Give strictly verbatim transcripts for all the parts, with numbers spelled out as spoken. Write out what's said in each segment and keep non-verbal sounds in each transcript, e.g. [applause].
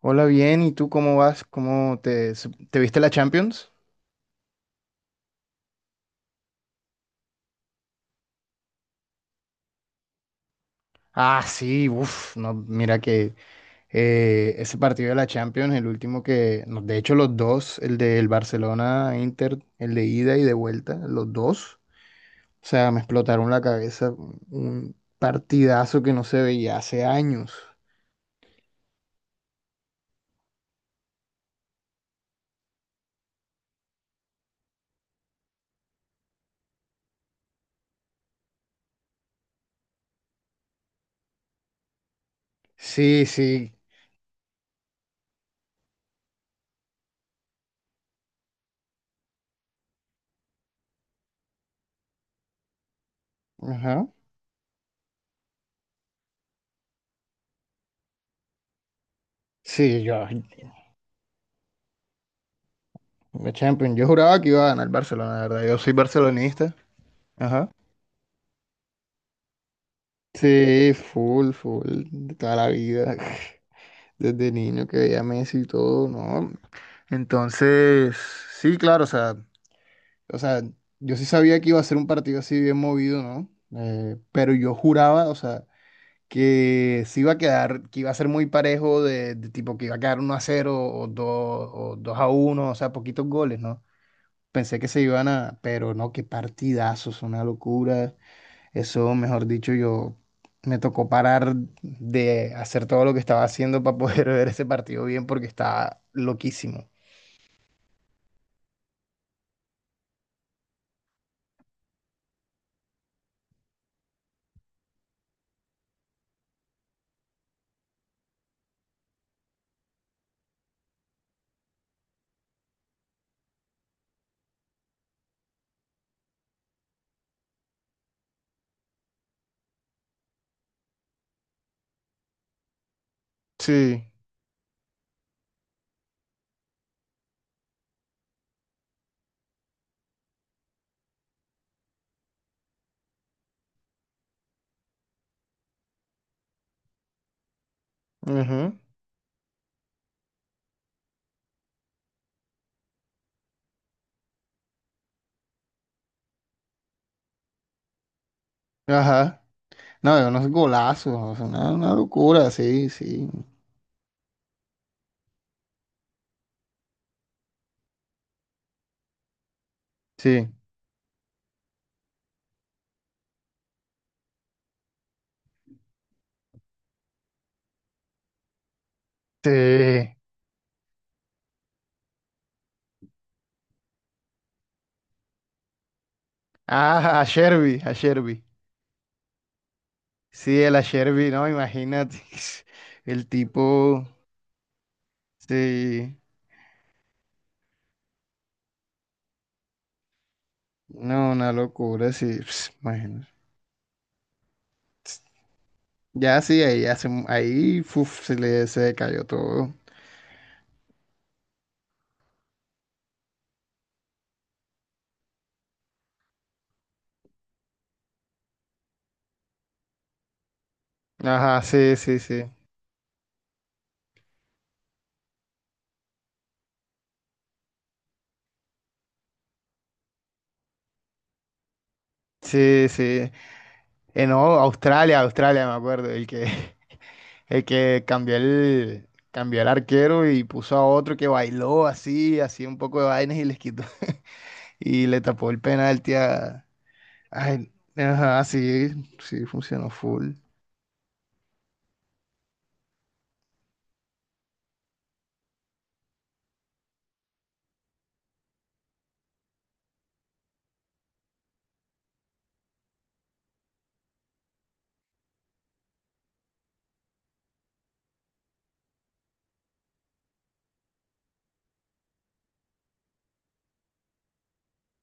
Hola, bien, ¿y tú cómo vas? ¿Cómo te, te viste la Champions? Ah, sí, uff, no, mira que eh, ese partido de la Champions, el último que, no, de hecho los dos, el del Barcelona-Inter, el de ida y de vuelta, los dos, o sea, me explotaron la cabeza, un partidazo que no se veía hace años. Sí, sí, ajá, sí, yo, la Champions, yo juraba que iba a ganar el Barcelona, la verdad, yo soy barcelonista, ajá. Sí, full, full, de toda la vida, [laughs] desde niño que veía a Messi y todo, ¿no? Entonces, sí, claro, o sea, o sea, yo sí sabía que iba a ser un partido así bien movido, ¿no? Eh, pero yo juraba, o sea, que sí iba a quedar, que iba a ser muy parejo de, de tipo que iba a quedar uno a cero o dos o dos a uno, o sea, poquitos goles, ¿no? Pensé que se iban a, pero no, qué partidazos, una locura. Eso, mejor dicho, yo me tocó parar de hacer todo lo que estaba haciendo para poder [laughs] ver ese partido bien porque estaba loquísimo. Sí. Ujú. Ajá. No, de unos golazos, o sea, una, una locura, sí, sí. Sí. Sí. Ah, a Sherby, a Sherby. Sí, el a Sherby, no, imagínate. [laughs] El tipo. Sí. No, una locura, sí. [sniffs] Imagínate. Ya sí, ahí hace, ahí uf, se le se le cayó todo. Ajá, sí, sí, sí. Sí, sí. Eh, no, Australia, Australia, me acuerdo. El que, [laughs] el que cambió el, cambió el arquero y puso a otro que bailó así, así un poco de vainas y les quitó. [laughs] Y le tapó el penalti a. Ay, ajá, sí, sí, funcionó full.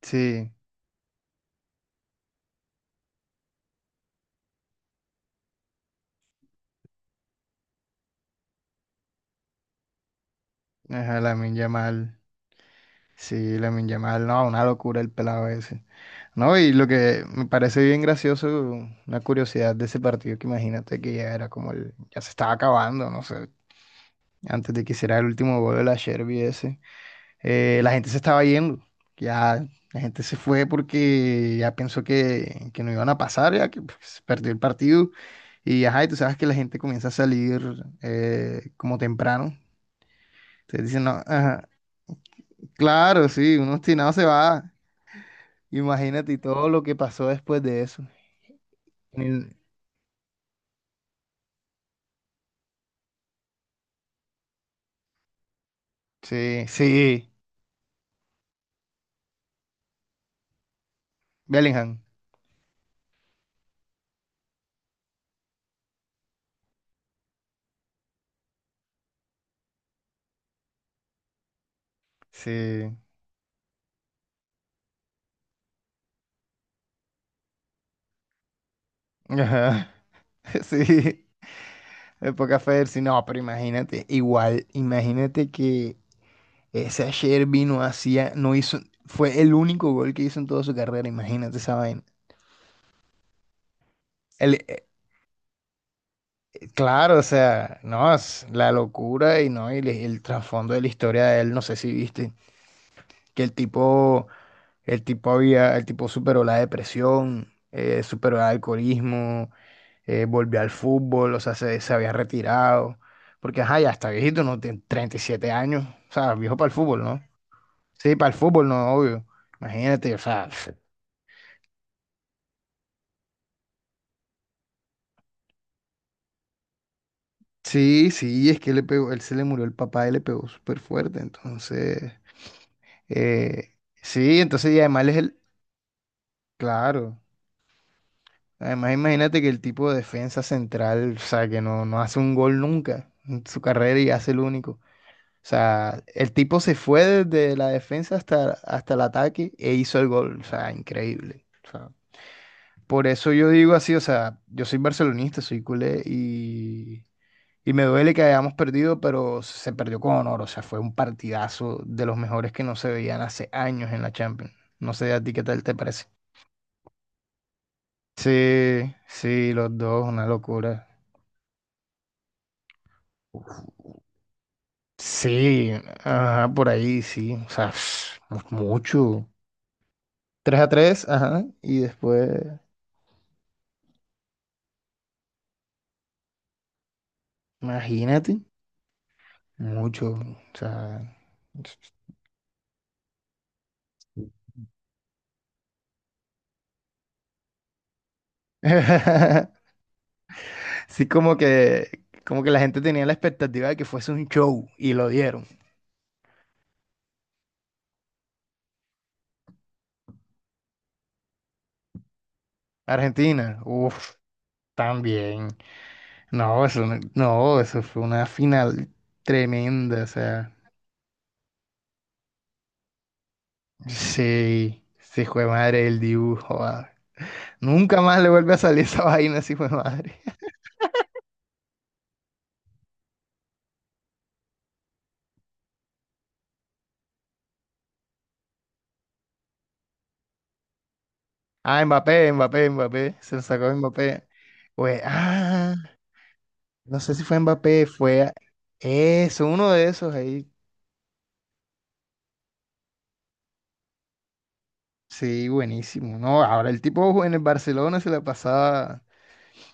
Sí, ajá, Lamine Yamal. Sí, Lamine Yamal. No, una locura el pelado ese. No, y lo que me parece bien gracioso, una curiosidad de ese partido, que imagínate que ya era como el, ya se estaba acabando, no sé, antes de que hiciera el último gol de la Sherby ese, eh, la gente se estaba yendo, ya la gente se fue porque ya pensó que, que, no iban a pasar, ya que pues, se perdió el partido, y ajá, y tú sabes que la gente comienza a salir eh, como temprano, entonces dicen, no, ajá, claro, sí, un obstinado se va, imagínate y todo lo que pasó después de eso. Ni- Sí, sí, Bellingham, sí, ajá, [laughs] sí, época Fersi, no, pero imagínate, igual, imagínate que ese ayer vino hacía, no hizo, fue el único gol que hizo en toda su carrera, imagínate esa vaina. El, eh, claro, o sea, no, es la locura y no, y le- el trasfondo de la historia de él, no sé si viste, que el tipo, el tipo había, el tipo superó la depresión, eh, superó el alcoholismo eh, volvió al fútbol, o sea, se, se había retirado, porque ajá, ya está viejito, no tiene treinta y siete años, o sea, viejo para el fútbol, ¿no? Sí, para el fútbol, no, obvio. Imagínate, o sea, sí, sí, es que le pegó, él se le murió el papá y le pegó súper fuerte, entonces, eh, sí, entonces, y además él es el, claro, además imagínate que el tipo de defensa central, o sea, que no, no hace un gol nunca en su carrera y hace el único. O sea, el tipo se fue desde la defensa hasta, hasta el ataque e hizo el gol. O sea, increíble. O sea, por eso yo digo así, o sea, yo soy barcelonista, soy culé y, y me duele que hayamos perdido, pero se perdió con honor. O sea, fue un partidazo de los mejores que no se veían hace años en la Champions. No sé a ti qué tal te parece. Sí, sí, los dos, una locura. Sí, ajá, por ahí, sí. O sea, [sniffs] mucho. Tres a tres, ajá. Y después, imagínate, mucho. O sea, [laughs] sí, como que, como que la gente tenía la expectativa de que fuese un show y lo dieron. Argentina, uff, también. No, eso, no, no, eso fue una final tremenda. O sea, sí, sí, fue madre el dibujo. Ah. Nunca más le vuelve a salir esa [laughs] vaina, sí, fue madre. Ah, Mbappé, Mbappé, Mbappé. Se lo sacó Mbappé. Pues, ah. No sé si fue Mbappé, fue a- eso, uno de esos ahí. Sí, buenísimo. No, ahora el tipo en el Barcelona se la pasaba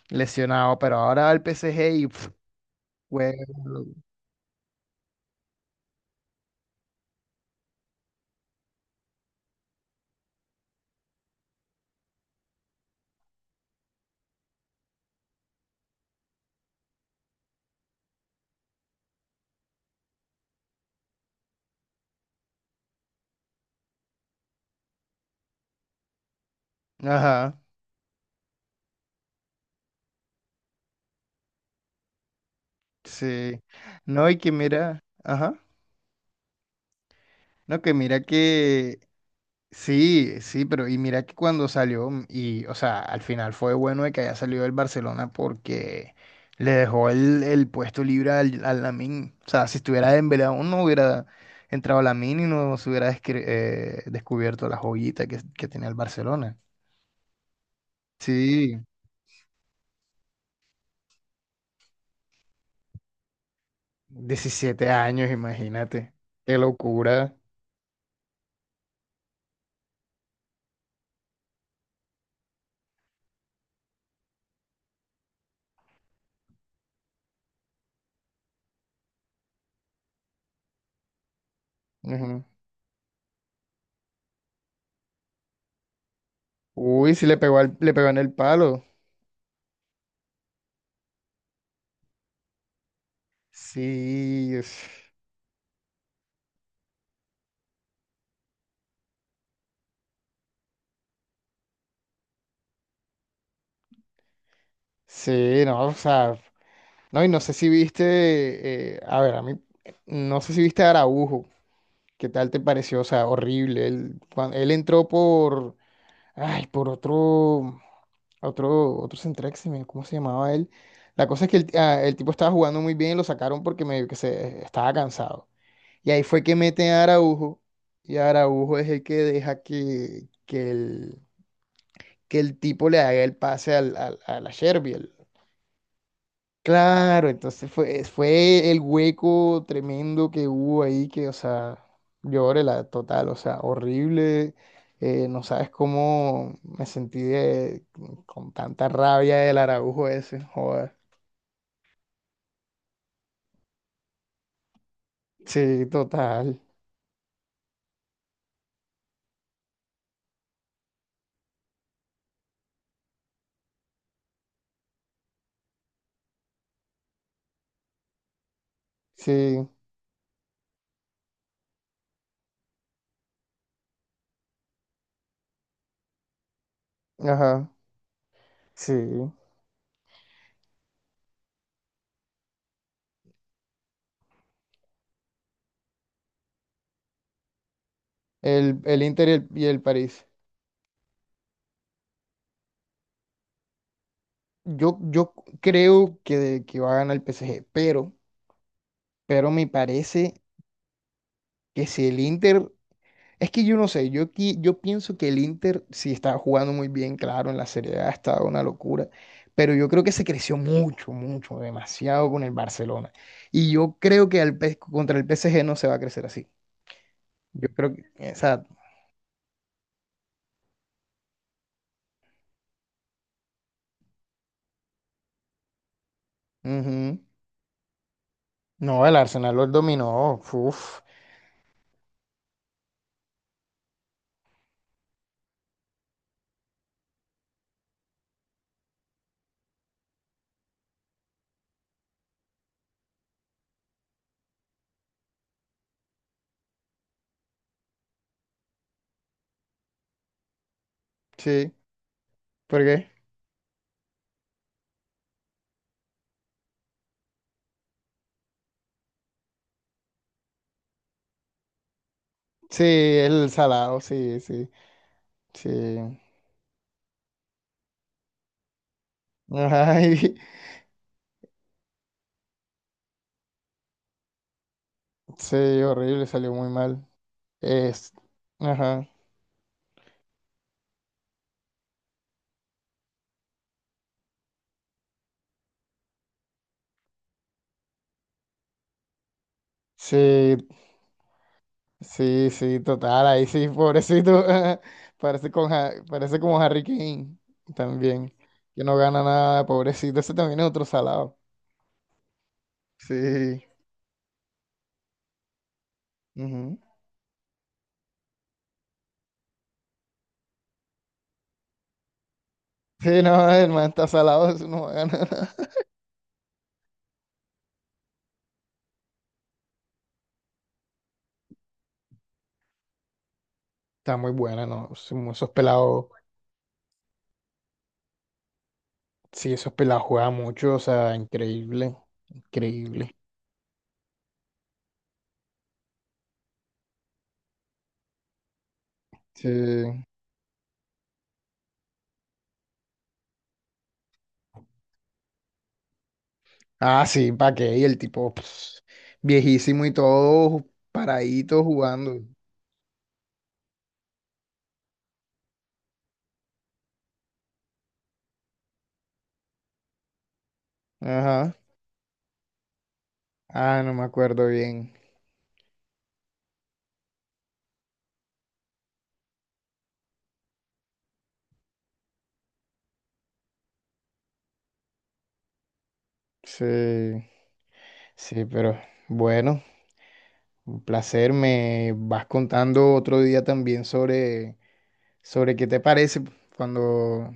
lesionado, pero ahora va al P S G y pf, juega. Ajá, sí. No, y que mira, ajá. No, que mira que sí, sí, pero y mira que cuando salió, mm, y o sea, al final fue bueno de que haya salido el Barcelona porque le dejó el, el puesto libre al, al, Lamine. O sea, si estuviera Dembélé aún no hubiera entrado Lamine y no se hubiera descre- eh, descubierto la joyita que, que tenía el Barcelona. Sí, diecisiete años, imagínate. Qué locura. Ujú. Uy, sí le pegó al- le pegó en el palo. Sí, es- sí, no, o sea. No, y no sé si viste, eh, a ver, a mí, no sé si viste a Araujo, ¿qué tal te pareció? O sea, horrible. Él, cuan- él entró por, ay, por otro, otro, otro central, que se me- ¿cómo se llamaba él? La cosa es que el, ah, el tipo estaba jugando muy bien y lo sacaron porque medio que se estaba cansado. Y ahí fue que meten a Araujo, y Araujo es el que deja que, que el, que el tipo le haga el pase al, al, a la Sherby. Claro, entonces fue, fue el hueco tremendo que hubo ahí, que, o sea, lloré la total, o sea, horrible. eh, no sabes cómo me sentí de- con tanta rabia del Araujo ese, joder. Sí, total. Sí, ajá, sí. El, el Inter y el, y el París. Yo, yo creo que, que va a ganar el P S G, pero, pero me parece que si el Inter. Es que yo no sé, yo, qui- yo pienso que el Inter sí estaba jugando muy bien, claro, en la Serie A estaba una locura, pero yo creo que se creció mucho, mucho, demasiado con el Barcelona. Y yo creo que al P- contra el P S G no se va a crecer así. Yo creo que, exacto. Ujú. No, el Arsenal los dominó, uf, sí, ¿por qué? Sí, el salado, sí, sí, sí. Ay, [laughs] sí, horrible, salió muy mal. Es, ajá. Sí, sí, sí, total, ahí sí, pobrecito. [laughs] Parece, con, Ja- parece como Harry Kane también, que no gana nada, pobrecito. Ese también es otro salado. Sí. Ujú. Sí, no, el man está salado, eso no gana [laughs] nada. Está muy buena, ¿no? Sí, mu- esos pelados, sí, esos pelados juegan mucho, o sea, increíble, increíble. Sí. Ah, sí, ¿para qué? Y el tipo, pues, viejísimo y todo, paradito jugando. Ajá. Ah, no me acuerdo bien. Sí, sí, pero bueno, un placer. Me vas contando otro día también sobre, sobre qué te parece cuando,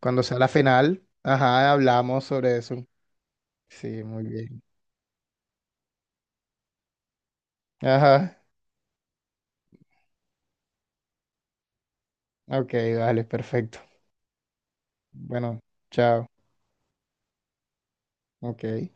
cuando sea la final. Ajá, hablamos sobre eso. Sí, muy bien. Ajá, ok, vale, perfecto. Bueno, chao. Ok.